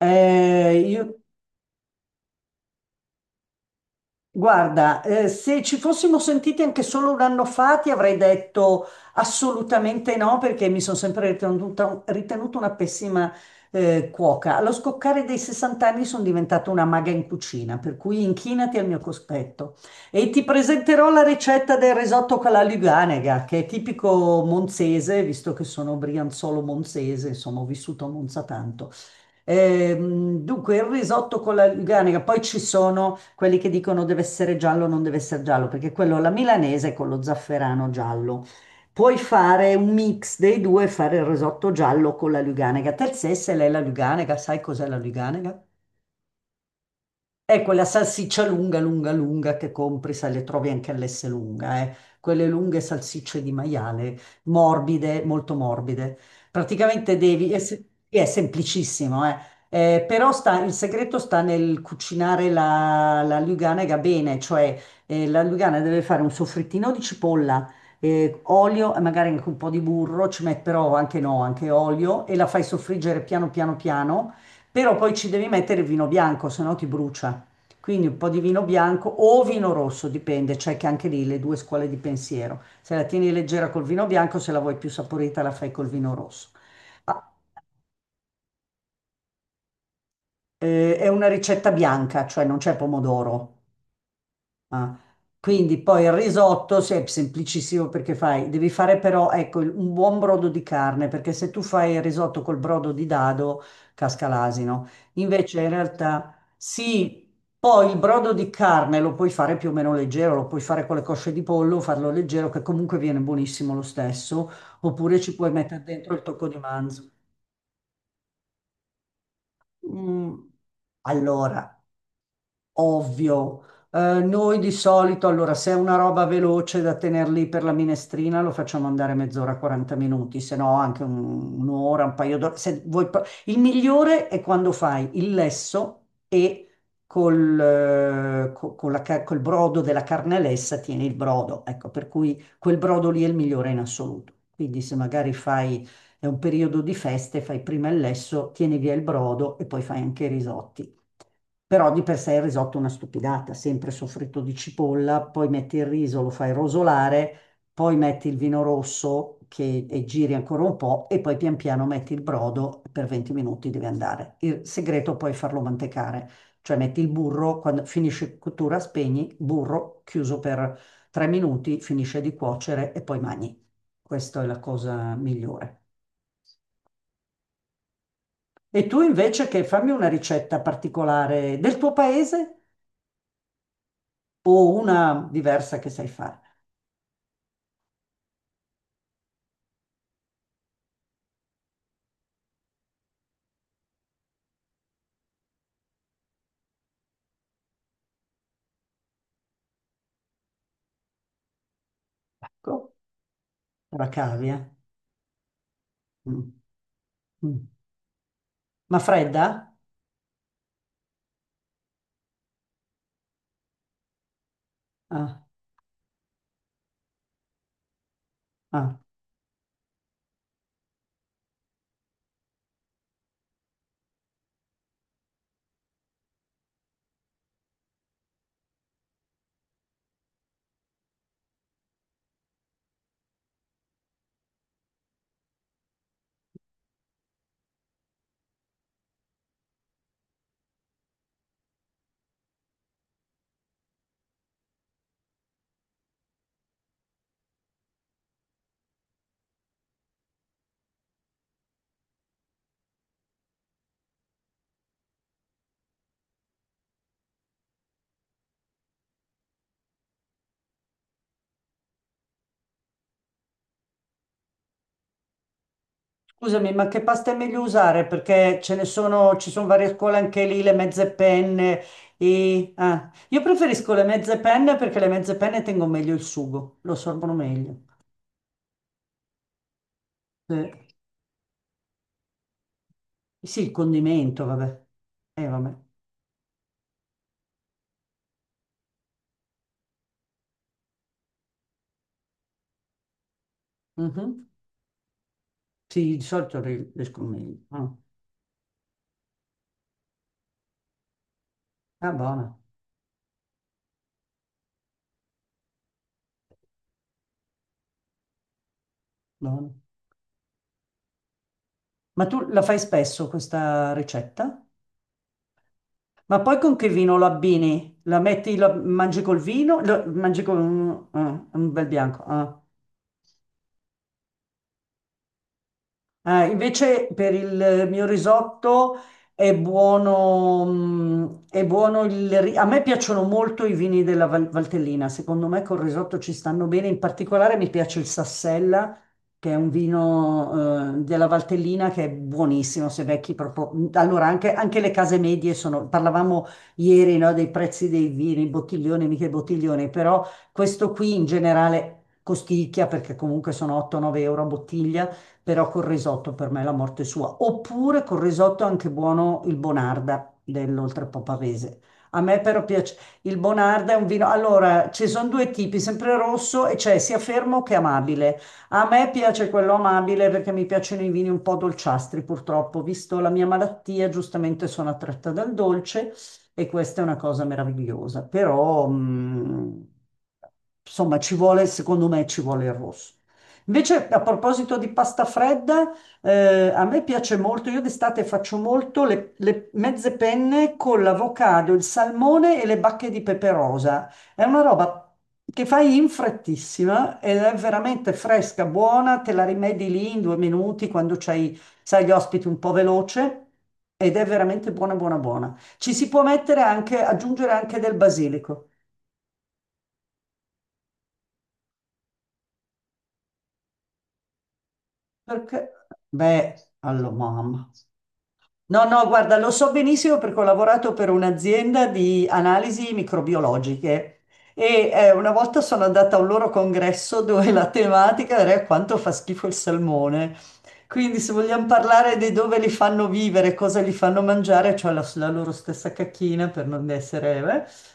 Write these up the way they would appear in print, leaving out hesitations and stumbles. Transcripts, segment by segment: Eh, io- guarda, se ci fossimo sentiti anche solo un anno fa, ti avrei detto assolutamente no, perché mi sono sempre ritenuta una pessima, cuoca. Allo scoccare dei 60 anni sono diventata una maga in cucina, per cui inchinati al mio cospetto. E ti presenterò la ricetta del risotto con la Luganega, che è tipico monzese, visto che sono brianzolo monzese, insomma, ho vissuto a Monza tanto. Dunque, il risotto con la Luganica, poi ci sono quelli che dicono deve essere giallo, non deve essere giallo, perché quello alla milanese è con lo zafferano giallo. Puoi fare un mix dei due, fare il risotto giallo con la Luganica. Te se lei la Luganica, sai cos'è la Luganica? È quella salsiccia lunga, lunga, lunga che compri, se le trovi anche all'S lunga, eh. Quelle lunghe salsicce di maiale, morbide, molto morbide. Praticamente devi, è, è semplicissimo, eh. Però sta, il segreto sta nel cucinare la luganega bene, cioè la lugana deve fare un soffrittino di cipolla, olio e magari anche un po' di burro, ci metti però anche no, anche olio e la fai soffriggere piano piano piano, però poi ci devi mettere il vino bianco, se no ti brucia. Quindi un po' di vino bianco o vino rosso, dipende, c'è che anche lì le due scuole di pensiero. Se la tieni leggera col vino bianco, se la vuoi più saporita la fai col vino rosso. Ah, è una ricetta bianca, cioè non c'è pomodoro. Ah, quindi poi il risotto sì, è semplicissimo perché fai, devi fare però ecco, un buon brodo di carne, perché se tu fai il risotto col brodo di dado casca l'asino. Invece in realtà sì, poi il brodo di carne lo puoi fare più o meno leggero, lo puoi fare con le cosce di pollo, farlo leggero che comunque viene buonissimo lo stesso, oppure ci puoi mettere dentro il tocco di manzo. Mm, Allora, ovvio. Noi di solito, allora, se è una roba veloce da tenere lì per la minestrina, lo facciamo andare mezz'ora, 40 minuti, se no anche un'ora, un paio d'ore. Se vuoi pro- Il migliore è quando fai il lesso e col, co- con la ca- col brodo della carne lessa tieni il brodo. Ecco, per cui quel brodo lì è il migliore in assoluto. Quindi se magari fai, è un periodo di feste, fai prima il lesso, tieni via il brodo e poi fai anche i risotti. Però di per sé il risotto è una stupidata, sempre soffritto di cipolla, poi metti il riso, lo fai rosolare, poi metti il vino rosso che, e giri ancora un po' e poi pian piano metti il brodo, per 20 minuti deve andare. Il segreto è poi è farlo mantecare, cioè metti il burro, quando finisce cottura spegni, burro chiuso per 3 minuti, finisce di cuocere e poi mangi. Questa è la cosa migliore. E tu invece che fammi una ricetta particolare del tuo paese? O una diversa che sai fare. Ecco, la cavi, eh. Mm, mm. Ma fredda? Ah, ah. Scusami, ma che pasta è meglio usare? Perché ce ne sono, ci sono varie scuole anche lì, le mezze penne. E, ah. Io preferisco le mezze penne perché le mezze penne tengono meglio il sugo, lo assorbono meglio. Eh, sì, il condimento, vabbè. Vabbè. Mhm. Sì, di solito riescono meglio. Ah, ah, buona, buona. Ma tu la fai spesso questa ricetta? Ma poi con che vino lo abbini? La metti, lo mangi col vino? Lo, mangi con... ah, un bel bianco. Eh. Invece per il mio risotto è buono, mm, è buono il... A me piacciono molto i vini della Valtellina, secondo me col risotto ci stanno bene, in particolare mi piace il Sassella, che è un vino della Valtellina che è buonissimo, se vecchi proprio... Mm, allora, anche, anche le case medie sono... Parlavamo ieri, no, dei prezzi dei vini, bottiglione, mica bottiglione, però questo qui in generale costicchia perché comunque sono 8-9 euro a bottiglia però col risotto per me è la morte sua. Oppure col risotto è anche buono il Bonarda dell'Oltrepo Pavese. A me però piace il Bonarda è un vino. Allora, ci sono due tipi, sempre rosso e c'è sia fermo che amabile. A me piace quello amabile perché mi piacciono i vini un po' dolciastri, purtroppo, visto la mia malattia, giustamente sono attratta dal dolce e questa è una cosa meravigliosa. Però, insomma, ci vuole, secondo me, ci vuole il rosso. Invece, a proposito di pasta fredda, a me piace molto, io d'estate faccio molto le mezze penne con l'avocado, il salmone e le bacche di pepe rosa. È una roba che fai in frettissima ed è veramente fresca, buona, te la rimedi lì in due minuti quando c'hai, sai, gli ospiti un po' veloce ed è veramente buona, buona, buona. Ci si può mettere anche, aggiungere anche del basilico, perché, beh, allora mamma. No, no, guarda, lo so benissimo perché ho lavorato per un'azienda di analisi microbiologiche e una volta sono andata a un loro congresso dove la tematica era quanto fa schifo il salmone. Quindi se vogliamo parlare di dove li fanno vivere, cosa li fanno mangiare, cioè la loro stessa cacchina per non essere....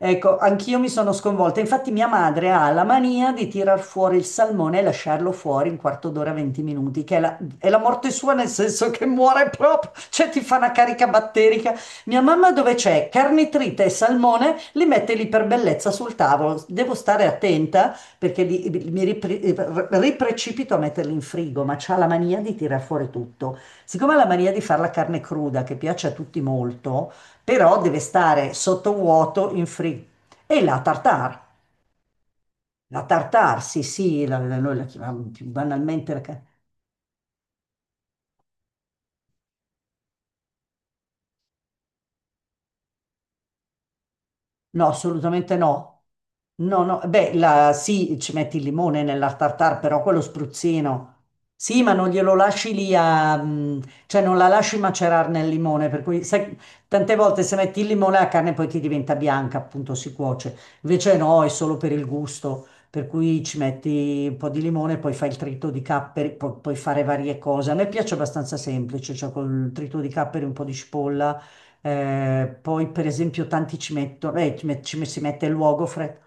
Ecco, anch'io mi sono sconvolta. Infatti mia madre ha la mania di tirar fuori il salmone e lasciarlo fuori un quarto d'ora, 20 minuti, che è la morte sua nel senso che muore proprio, cioè ti fa una carica batterica. Mia mamma dove c'è carnitrite e salmone li mette lì per bellezza sul tavolo. Devo stare attenta perché riprecipito a metterli in frigo, ma c'ha la mania di tirar fuori tutto. Siccome ha la mania di fare la carne cruda, che piace a tutti molto, però deve stare sottovuoto in free. E la tartare, sì sì, noi la chiamiamo più banalmente la... No, assolutamente no. No, no, beh, sì, ci metti il limone nella tartare, però quello spruzzino. Sì, ma non glielo lasci lì a... mm, cioè non la lasci macerare nel limone, per cui sai, tante volte se metti il limone la carne poi ti diventa bianca, appunto si cuoce. Invece no, è solo per il gusto, per cui ci metti un po' di limone, poi fai il trito di capperi, puoi fare varie cose. A me piace abbastanza semplice, cioè col trito di capperi, un po' di cipolla poi, per esempio, tanti ci mettono, si mette l'uogofre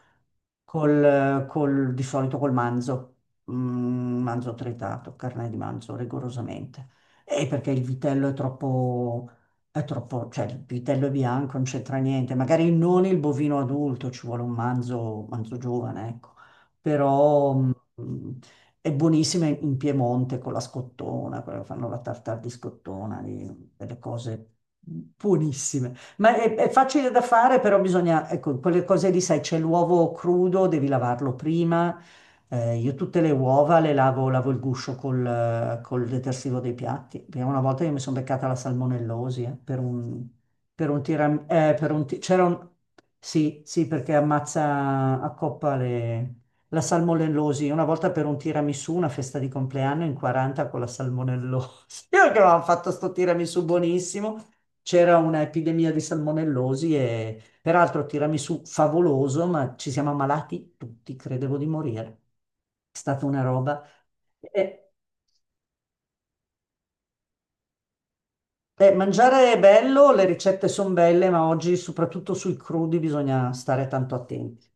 di solito col manzo, mm, manzo tritato, carne di manzo, rigorosamente. E perché il vitello è troppo, cioè il vitello è bianco, non c'entra niente. Magari non il bovino adulto, ci vuole un manzo, manzo giovane, ecco. Però, mm, è buonissima in in Piemonte con la scottona, quello che fanno la tartar di scottona, lì, delle cose buonissime. Ma è facile da fare, però bisogna, ecco, quelle cose lì, sai, c'è l'uovo crudo, devi lavarlo prima. Io tutte le uova le lavo, lavo il guscio col detersivo dei piatti. Prima una volta io mi sono beccata la salmonellosi, per un tiram- per un ti- c'era un... Sì, sì, perché ammazza a coppa le... la salmonellosi. Una volta per un tiramisù, una festa di compleanno in 40 con la salmonellosi. Io che avevamo fatto sto tiramisù buonissimo, c'era un'epidemia di salmonellosi e peraltro tiramisù favoloso, ma ci siamo ammalati tutti, credevo di morire. È stata una roba. E- e mangiare è bello, le ricette sono belle, ma oggi soprattutto sui crudi bisogna stare tanto attenti.